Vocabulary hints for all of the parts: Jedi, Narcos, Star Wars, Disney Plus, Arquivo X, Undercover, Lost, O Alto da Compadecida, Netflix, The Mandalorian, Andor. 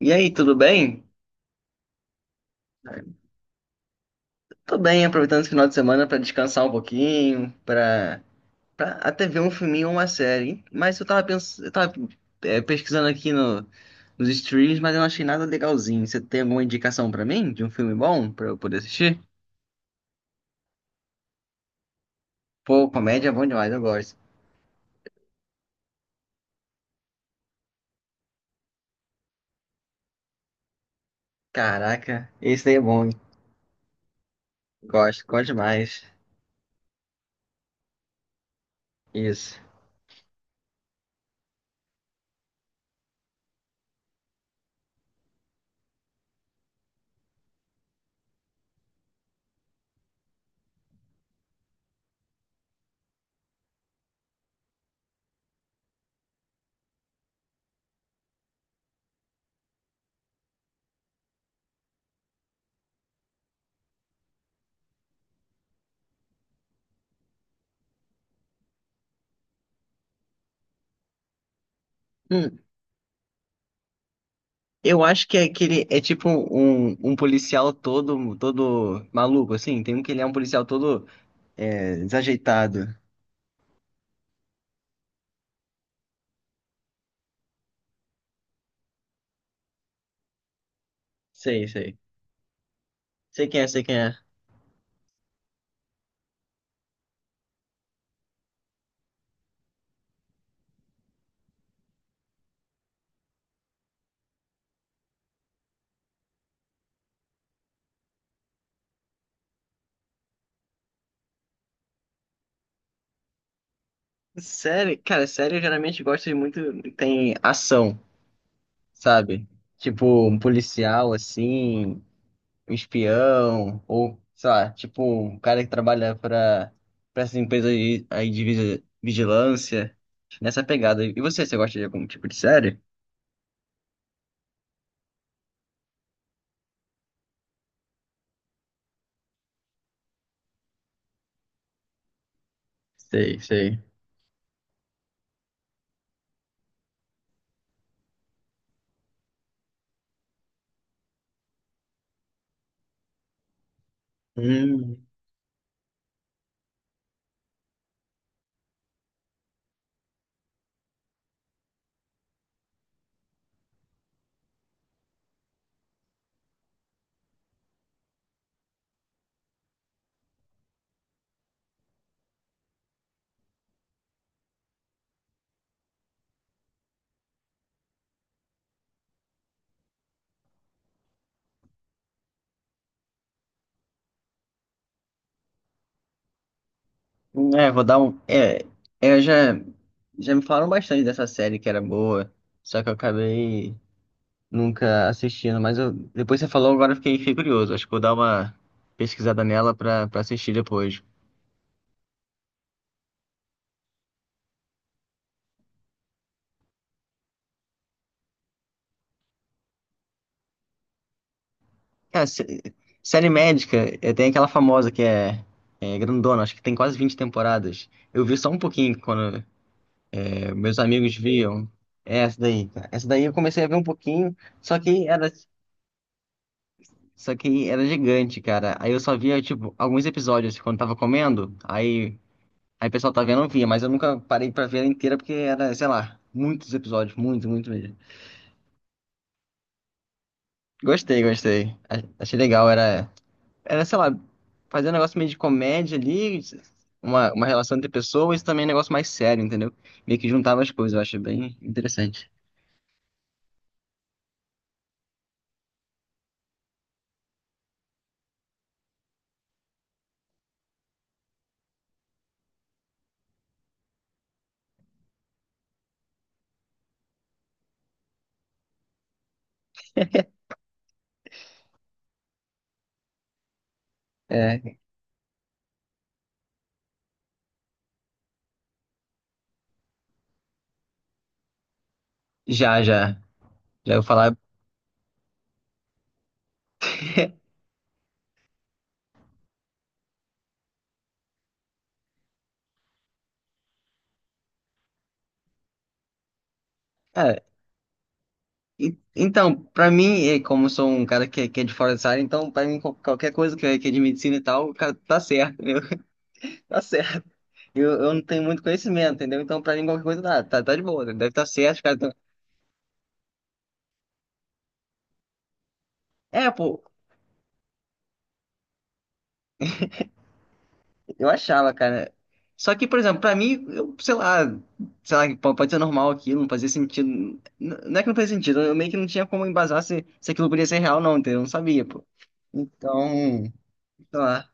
E aí, tudo bem? Tô bem, aproveitando esse final de semana pra descansar um pouquinho, pra para até ver um filminho ou uma série. Mas eu tava pensando, pesquisando aqui no, nos streams, mas eu não achei nada legalzinho. Você tem alguma indicação pra mim de um filme bom pra eu poder assistir? Pô, comédia é bom demais, eu gosto. Caraca, esse daí é bom, hein? Gosto, gosto demais. Isso. Hum, eu acho que é aquele é tipo um policial todo maluco assim. Tem um que ele é um policial todo. É, desajeitado. Sei, sei. Sei quem é, sei quem é. Série, cara, série eu geralmente gosto de muito. Tem ação, sabe? Tipo, um policial assim, um espião, ou, sei lá, tipo, um cara que trabalha pra essa empresa aí de vigilância. Nessa pegada. E você gosta de algum tipo de série? Sei, sei. Hum, é, vou dar um. Eu já, já me falaram bastante dessa série que era boa, só que eu acabei nunca assistindo, mas eu, depois que você falou, agora eu fiquei curioso. Acho que vou dar uma pesquisada nela pra assistir depois. Cara, série médica, tem aquela famosa que é grandona, acho que tem quase 20 temporadas. Eu vi só um pouquinho quando meus amigos viam. É essa daí, cara. Essa daí eu comecei a ver um pouquinho, só que era, só que era gigante, cara. Aí eu só via, tipo, alguns episódios quando tava comendo. Aí Aí o pessoal tá vendo, eu via, mas eu nunca parei pra ver ela inteira porque era, sei lá, muitos episódios, muito, muito mesmo. Gostei, gostei. Achei legal, sei lá, fazer um negócio meio de comédia ali, uma relação entre pessoas e também um negócio mais sério, entendeu? Meio que juntava as coisas, eu achei bem interessante. É, já, já, já eu falar. É, então, pra mim, e como eu sou um cara que é de fora dessa área, então pra mim qualquer coisa que é de medicina e tal, cara, tá certo, entendeu? Tá certo. Eu não tenho muito conhecimento, entendeu? Então, pra mim, qualquer coisa dá. Tá, tá de boa, deve estar certo, os caras tão. É, pô, eu achava, cara. Só que, por exemplo, pra mim, eu, sei lá, pô, pode ser normal aquilo, não fazia sentido. Não é que não fazia sentido, eu meio que não tinha como embasar se aquilo podia ser real, não, entendeu? Eu não sabia, pô. Então, sei lá.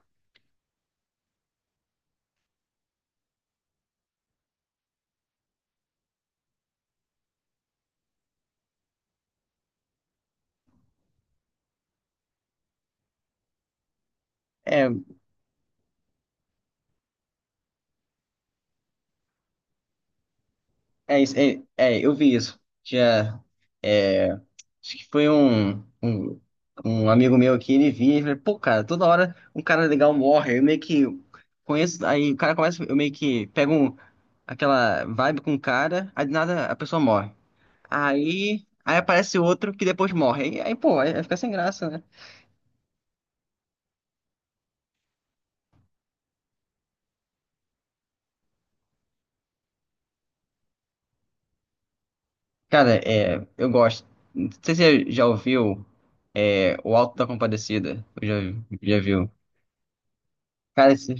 É, eu vi isso. Tinha. É, acho que foi um, um amigo meu aqui, ele vinha e falou, pô, cara, toda hora um cara legal morre. Eu meio que conheço, aí o cara começa, eu meio que aquela vibe com o cara, aí de nada a pessoa morre. Aí aparece outro que depois morre. Pô, aí fica sem graça, né? Cara, é, eu gosto. Não sei se você já ouviu O Alto da Compadecida. Eu já, já viu. Cara, esse.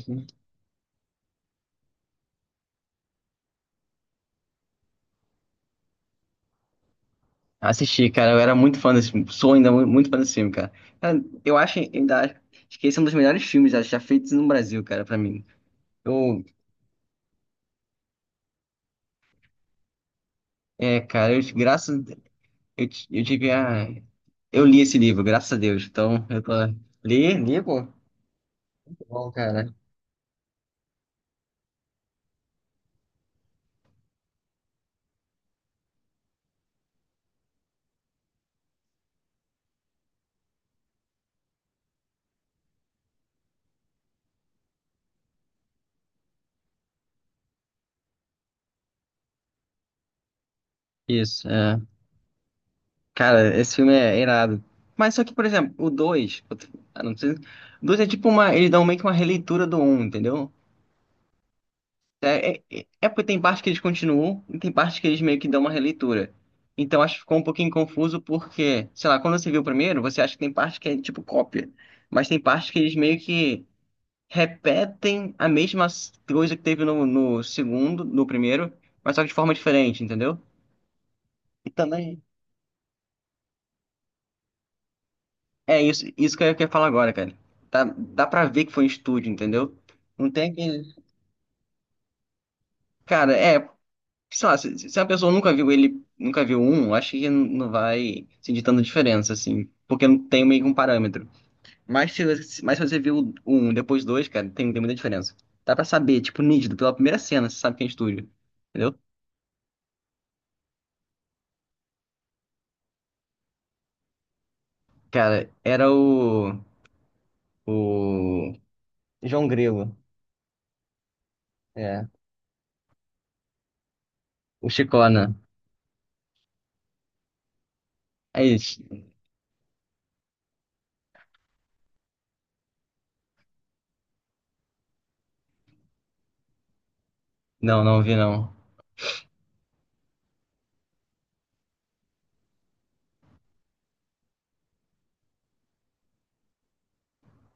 Assisti, cara. Eu era muito fã desse filme. Sou ainda muito fã desse filme, cara. Cara, eu acho acho que esse é um dos melhores filmes já feitos no Brasil, cara, pra mim. Eu, é, cara, eu, graças. Eu, eu tive a. Eu li esse livro, graças a Deus. Então, eu tô. Li, li, pô, tá bom, cara. Isso, é. Cara, esse filme é irado. Mas só que, por exemplo, o 2. Não sei. O 2 é tipo uma. Eles dão meio que uma releitura do um, entendeu? É porque tem parte que eles continuam e tem parte que eles meio que dão uma releitura. Então acho que ficou um pouquinho confuso porque, sei lá, quando você viu o primeiro, você acha que tem parte que é tipo cópia, mas tem parte que eles meio que repetem a mesma coisa que teve no segundo, no primeiro, mas só que de forma diferente, entendeu? E também é isso que eu queria falar agora, cara. Dá pra ver que foi um estúdio, entendeu? Não tem aquele. Cara, é, sei lá, se a pessoa nunca viu ele, nunca viu um, acho que não vai sentir tanta diferença, assim, porque não tem meio que um parâmetro. Mas se você viu um, depois dois, cara, tem muita diferença. Dá pra saber, tipo, nítido, pela primeira cena, você sabe quem é estúdio, entendeu? Cara, era o João Grilo, é, o Chicona. É isso. Não, não vi, não.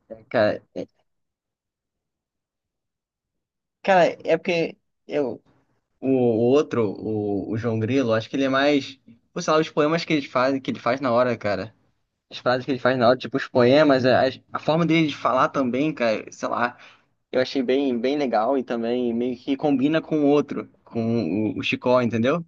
É, cara, é, cara, é porque eu, o outro, o João Grilo, acho que ele é mais. Pô, sei lá, os poemas que ele faz na hora, cara. As frases que ele faz na hora, tipo, os poemas, a forma dele de falar também, cara, sei lá, eu achei bem legal e também meio que combina com o outro, o Chicó, entendeu?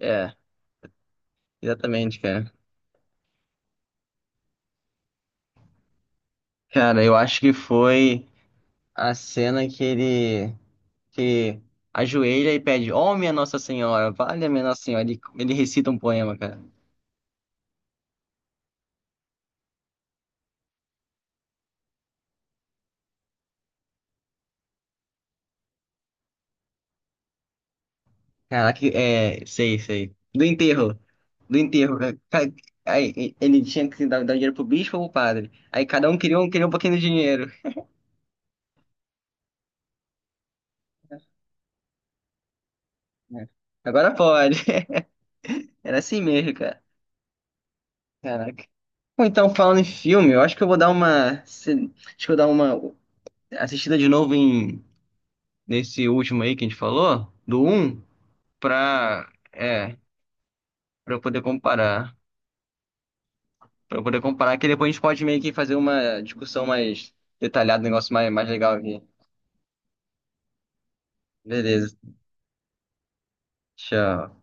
É, exatamente, cara. Cara, eu acho que foi a cena que ele que ajoelha e pede, ó, minha Nossa Senhora, valha minha Nossa Senhora. Ele recita um poema, cara. Caraca, é, sei, sei. Do enterro. Do enterro, né? Aí, ele tinha que dar dinheiro pro bispo ou pro padre. Aí cada um queria um pouquinho de dinheiro. Né? Agora pode. Era assim mesmo, cara. Caraca. Bom, então, falando em filme, eu acho que eu vou dar uma. Acho que eu vou dar uma assistida de novo em nesse último aí que a gente falou, do um pra. É, pra eu poder comparar. Pra eu poder comparar, que depois a gente pode meio que fazer uma discussão mais detalhada, um negócio mais, mais legal aqui. Beleza. Tchau.